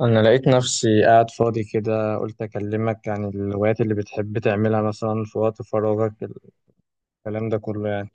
أنا لقيت نفسي قاعد فاضي كده، قلت أكلمك عن الهوايات اللي بتحب تعملها مثلا في وقت فراغك، الكلام ده كله يعني.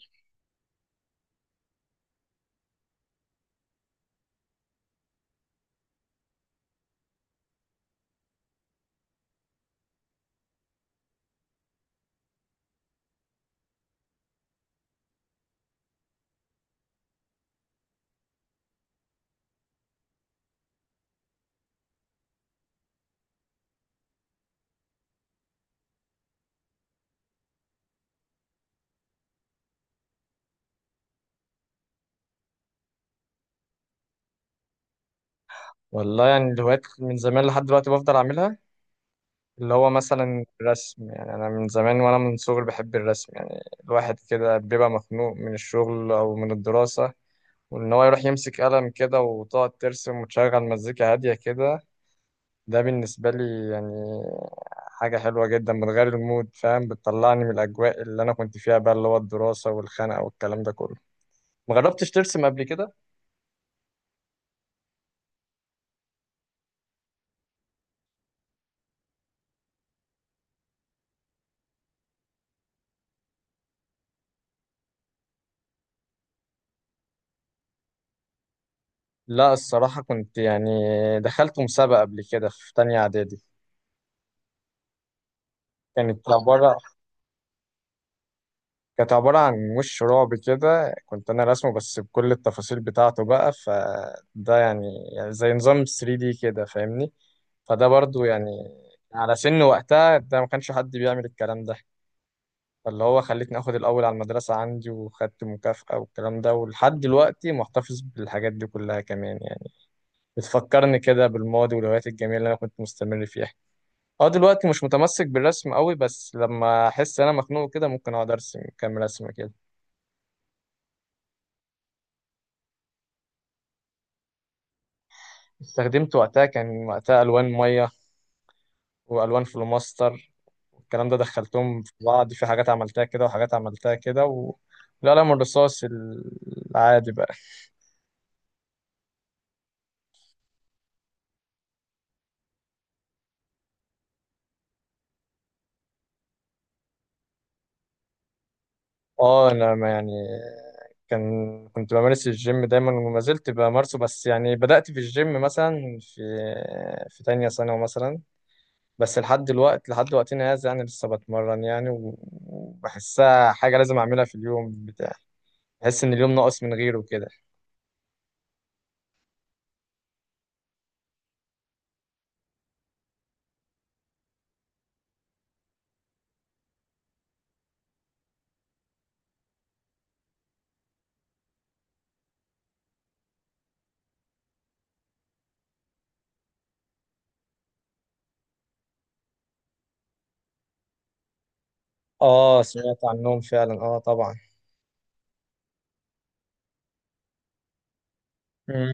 والله يعني الهوايات من زمان لحد دلوقتي بفضل أعملها، اللي هو مثلا الرسم. يعني أنا من زمان وأنا من صغري بحب الرسم، يعني الواحد كده بيبقى مخنوق من الشغل أو من الدراسة، وإن هو يروح يمسك قلم كده وتقعد ترسم وتشغل مزيكا هادية كده. ده بالنسبة لي يعني حاجة حلوة جدا، بتغير المود، فاهم، بتطلعني من الأجواء اللي أنا كنت فيها بقى، اللي هو الدراسة والخنقة والكلام ده كله. مجربتش ترسم قبل كده؟ لا الصراحة كنت يعني دخلت مسابقة قبل كده في تانية إعدادي. كانت عبارة كانت عبارة عن وش رعب كده، كنت أنا راسمه بس بكل التفاصيل بتاعته بقى، فده يعني، يعني زي نظام 3D كده، فاهمني. فده برضو يعني على سن وقتها ده ما كانش حد بيعمل الكلام ده، فاللي هو خلتني اخد الاول على المدرسة عندي وخدت مكافأة والكلام ده، ولحد دلوقتي محتفظ بالحاجات دي كلها كمان يعني. بتفكرني كده بالماضي والهوايات الجميلة اللي انا كنت مستمر فيها. اه، دلوقتي مش متمسك بالرسم قوي، بس لما احس انا مخنوق كده ممكن اقعد ارسم كام رسمة كده. استخدمت وقتها، كان وقتها الوان مية والوان فلوماستر، والكلام ده، دخلتهم في بعض في حاجات عملتها كده وحاجات عملتها كده و... القلم الرصاص العادي بقى. اه انا ما يعني، كان كنت بمارس الجيم دايما وما زلت بمارسه، بس يعني بدأت في الجيم مثلا في تانية ثانوي مثلا، بس لحد دلوقتي لحد وقتنا هذا يعني لسه بتمرن يعني وبحسها حاجة لازم أعملها في اليوم بتاع، بحس إن اليوم ناقص من غيره كده. اه، سمعت عنهم فعلا، اه طبعا. مم.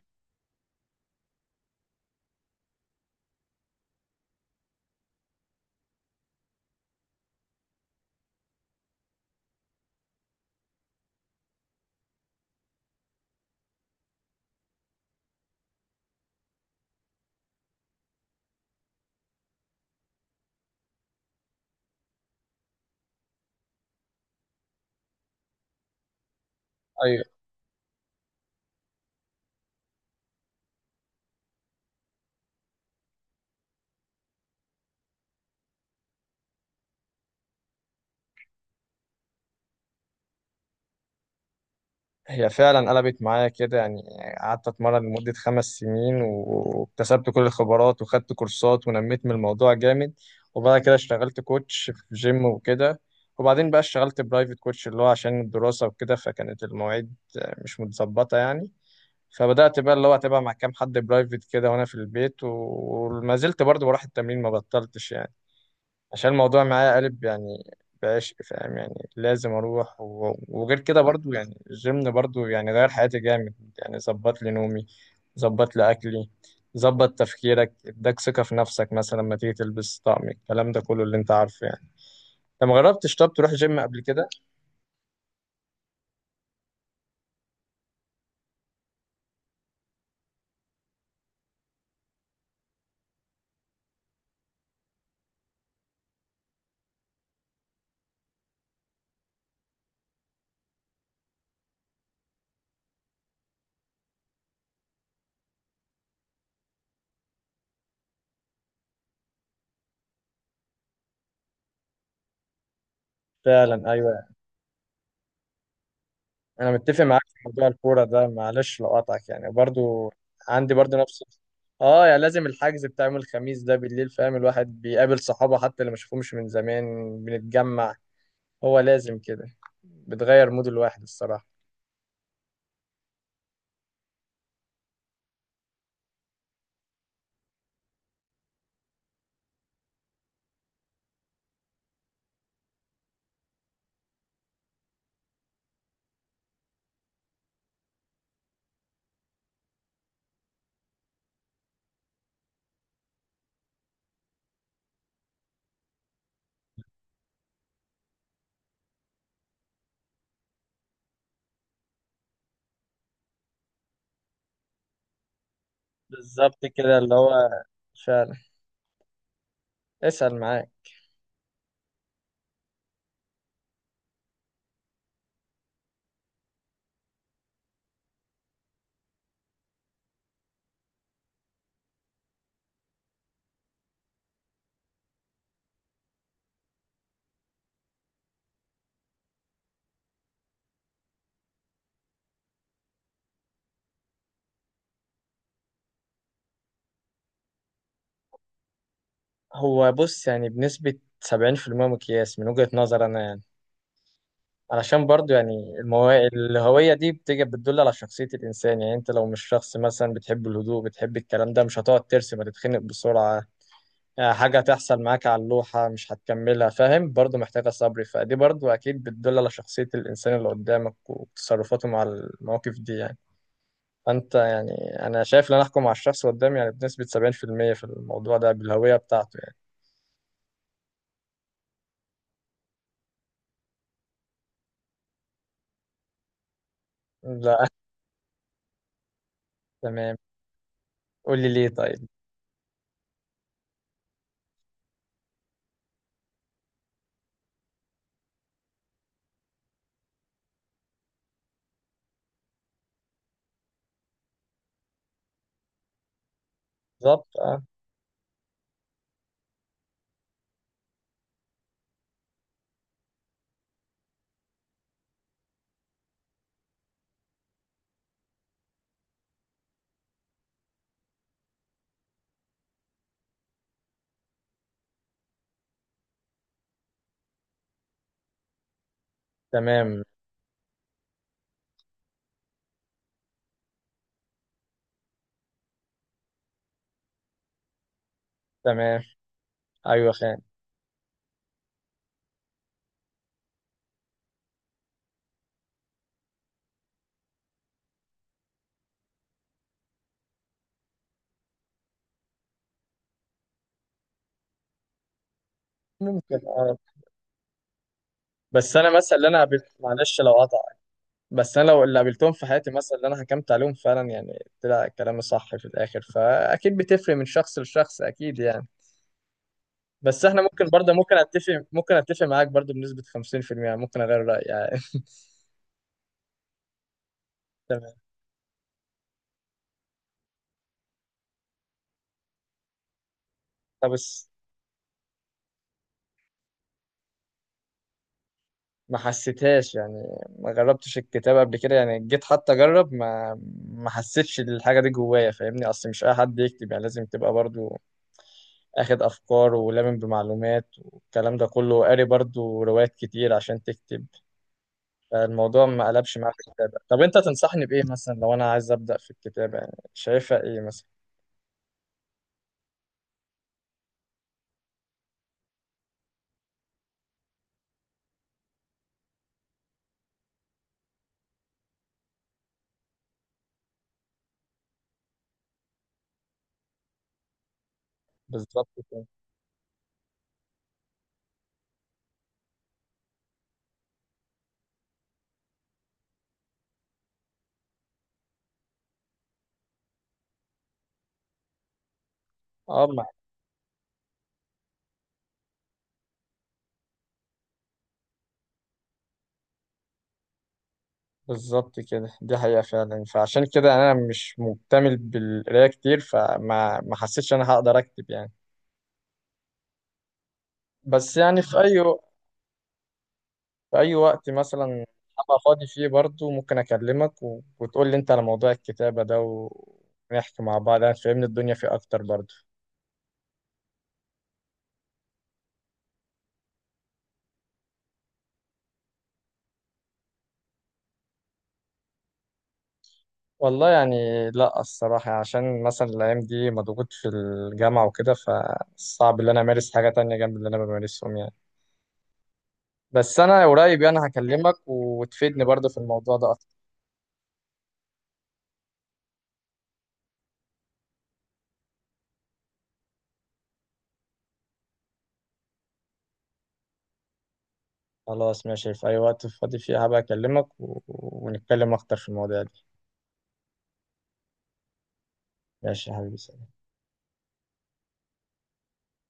هي فعلا قلبت معايا كده يعني، قعدت اتمرن لمدة 5 سنين واكتسبت كل الخبرات وخدت كورسات ونميت من الموضوع جامد، وبعد كده اشتغلت كوتش في جيم وكده، وبعدين بقى اشتغلت برايفت كوتش، اللي هو عشان الدراسة وكده، فكانت المواعيد مش متظبطة يعني. فبدأت بقى اللي هو اتابع مع كام حد برايفت كده وانا في البيت وما زلت برضه بروح التمرين، ما بطلتش يعني، عشان الموضوع معايا قالب يعني، بعشق، فاهم، يعني لازم اروح و... وغير كده برضو، يعني الجيم برضو يعني غير حياتي جامد يعني. ظبط لي نومي، ظبط لي اكلي، ظبط تفكيرك، اداك ثقة في نفسك مثلا لما تيجي تلبس طقم، الكلام ده كله اللي انت عارفه يعني. انت ما جربتش طب تروح جيم قبل كده؟ فعلا ايوه. انا متفق معاك في موضوع الكوره ده، معلش لو قاطعك يعني، برضو عندي برضو نفس، اه يعني لازم الحجز بتاع يوم الخميس ده بالليل، فاهم، الواحد بيقابل صحابه حتى اللي ما شافهمش من زمان، بنتجمع، هو لازم كده، بتغير مود الواحد الصراحه. بالظبط كده اللي هو، فعلا، اسأل معاك. هو بص يعني بنسبة 70% مقياس من وجهة نظر أنا يعني. علشان برضو يعني الهوية دي بتيجي بتدل على شخصية الإنسان، يعني أنت لو مش شخص مثلا بتحب الهدوء بتحب الكلام ده، مش هتقعد ترسم، هتتخنق بسرعة، حاجة تحصل معاك على اللوحة مش هتكملها، فاهم، برضو محتاجة صبر، فدي برضو أكيد بتدل على شخصية الإنسان اللي قدامك وتصرفاته مع المواقف دي يعني. فأنت يعني، أنا شايف إن أنا أحكم على الشخص قدامي يعني بنسبة 70% في المية في الموضوع ده بالهوية بتاعته يعني. لا، تمام. قول لي ليه طيب. بالظبط أه. تمام. تمام. أيوه خان. ممكن، بس انا مثلا اللي انا قابلت، معلش لو قطع، بس انا لو اللي قابلتهم في حياتي مثلا اللي انا حكمت عليهم فعلا يعني طلع كلامي صح في الاخر، فاكيد بتفرق من شخص لشخص اكيد يعني. بس احنا ممكن برضه، ممكن اتفق، ممكن اتفق معاك برضه بنسبة 50% يعني، ممكن اغير رأيي يعني. تمام. طب بس ما حسيتهاش يعني، ما جربتش الكتابة قبل كده يعني، جيت حتى اجرب ما ما حسيتش الحاجة دي جوايا، فاهمني، اصل مش اي حد يكتب يعني، لازم تبقى برضه اخد افكار ولامم بمعلومات والكلام ده كله، وقاري برضو روايات كتير عشان تكتب. فالموضوع ما قلبش معايا في الكتابة. طب انت تنصحني بايه مثلا لو انا عايز ابدا في الكتابة يعني؟ شايفها ايه مثلا؟ بالظبط كده. اه ما- بالظبط كده دي حقيقة فعلا، فعشان كده انا مش مكتمل بالقراية كتير، فما ما حسيتش انا هقدر اكتب يعني. بس يعني في اي، في أي وقت مثلا أبقى فاضي فيه برضو ممكن أكلمك و... وتقول لي أنت على موضوع الكتابة ده، ونحكي مع بعض يعني تفهمني الدنيا فيه أكتر برضو. والله يعني، لأ الصراحة يعني عشان مثلا الأيام دي مضغوط في الجامعة وكده، فصعب إن أنا أمارس حاجة تانية جنب اللي أنا بمارسهم يعني. بس أنا قريب يعني هكلمك وتفيدني برضو في الموضوع ده أكتر. خلاص ماشي، في أي وقت فاضي فيه هبقى أكلمك و... ونتكلم أكتر في المواضيع دي. ماشي يا حبيبي.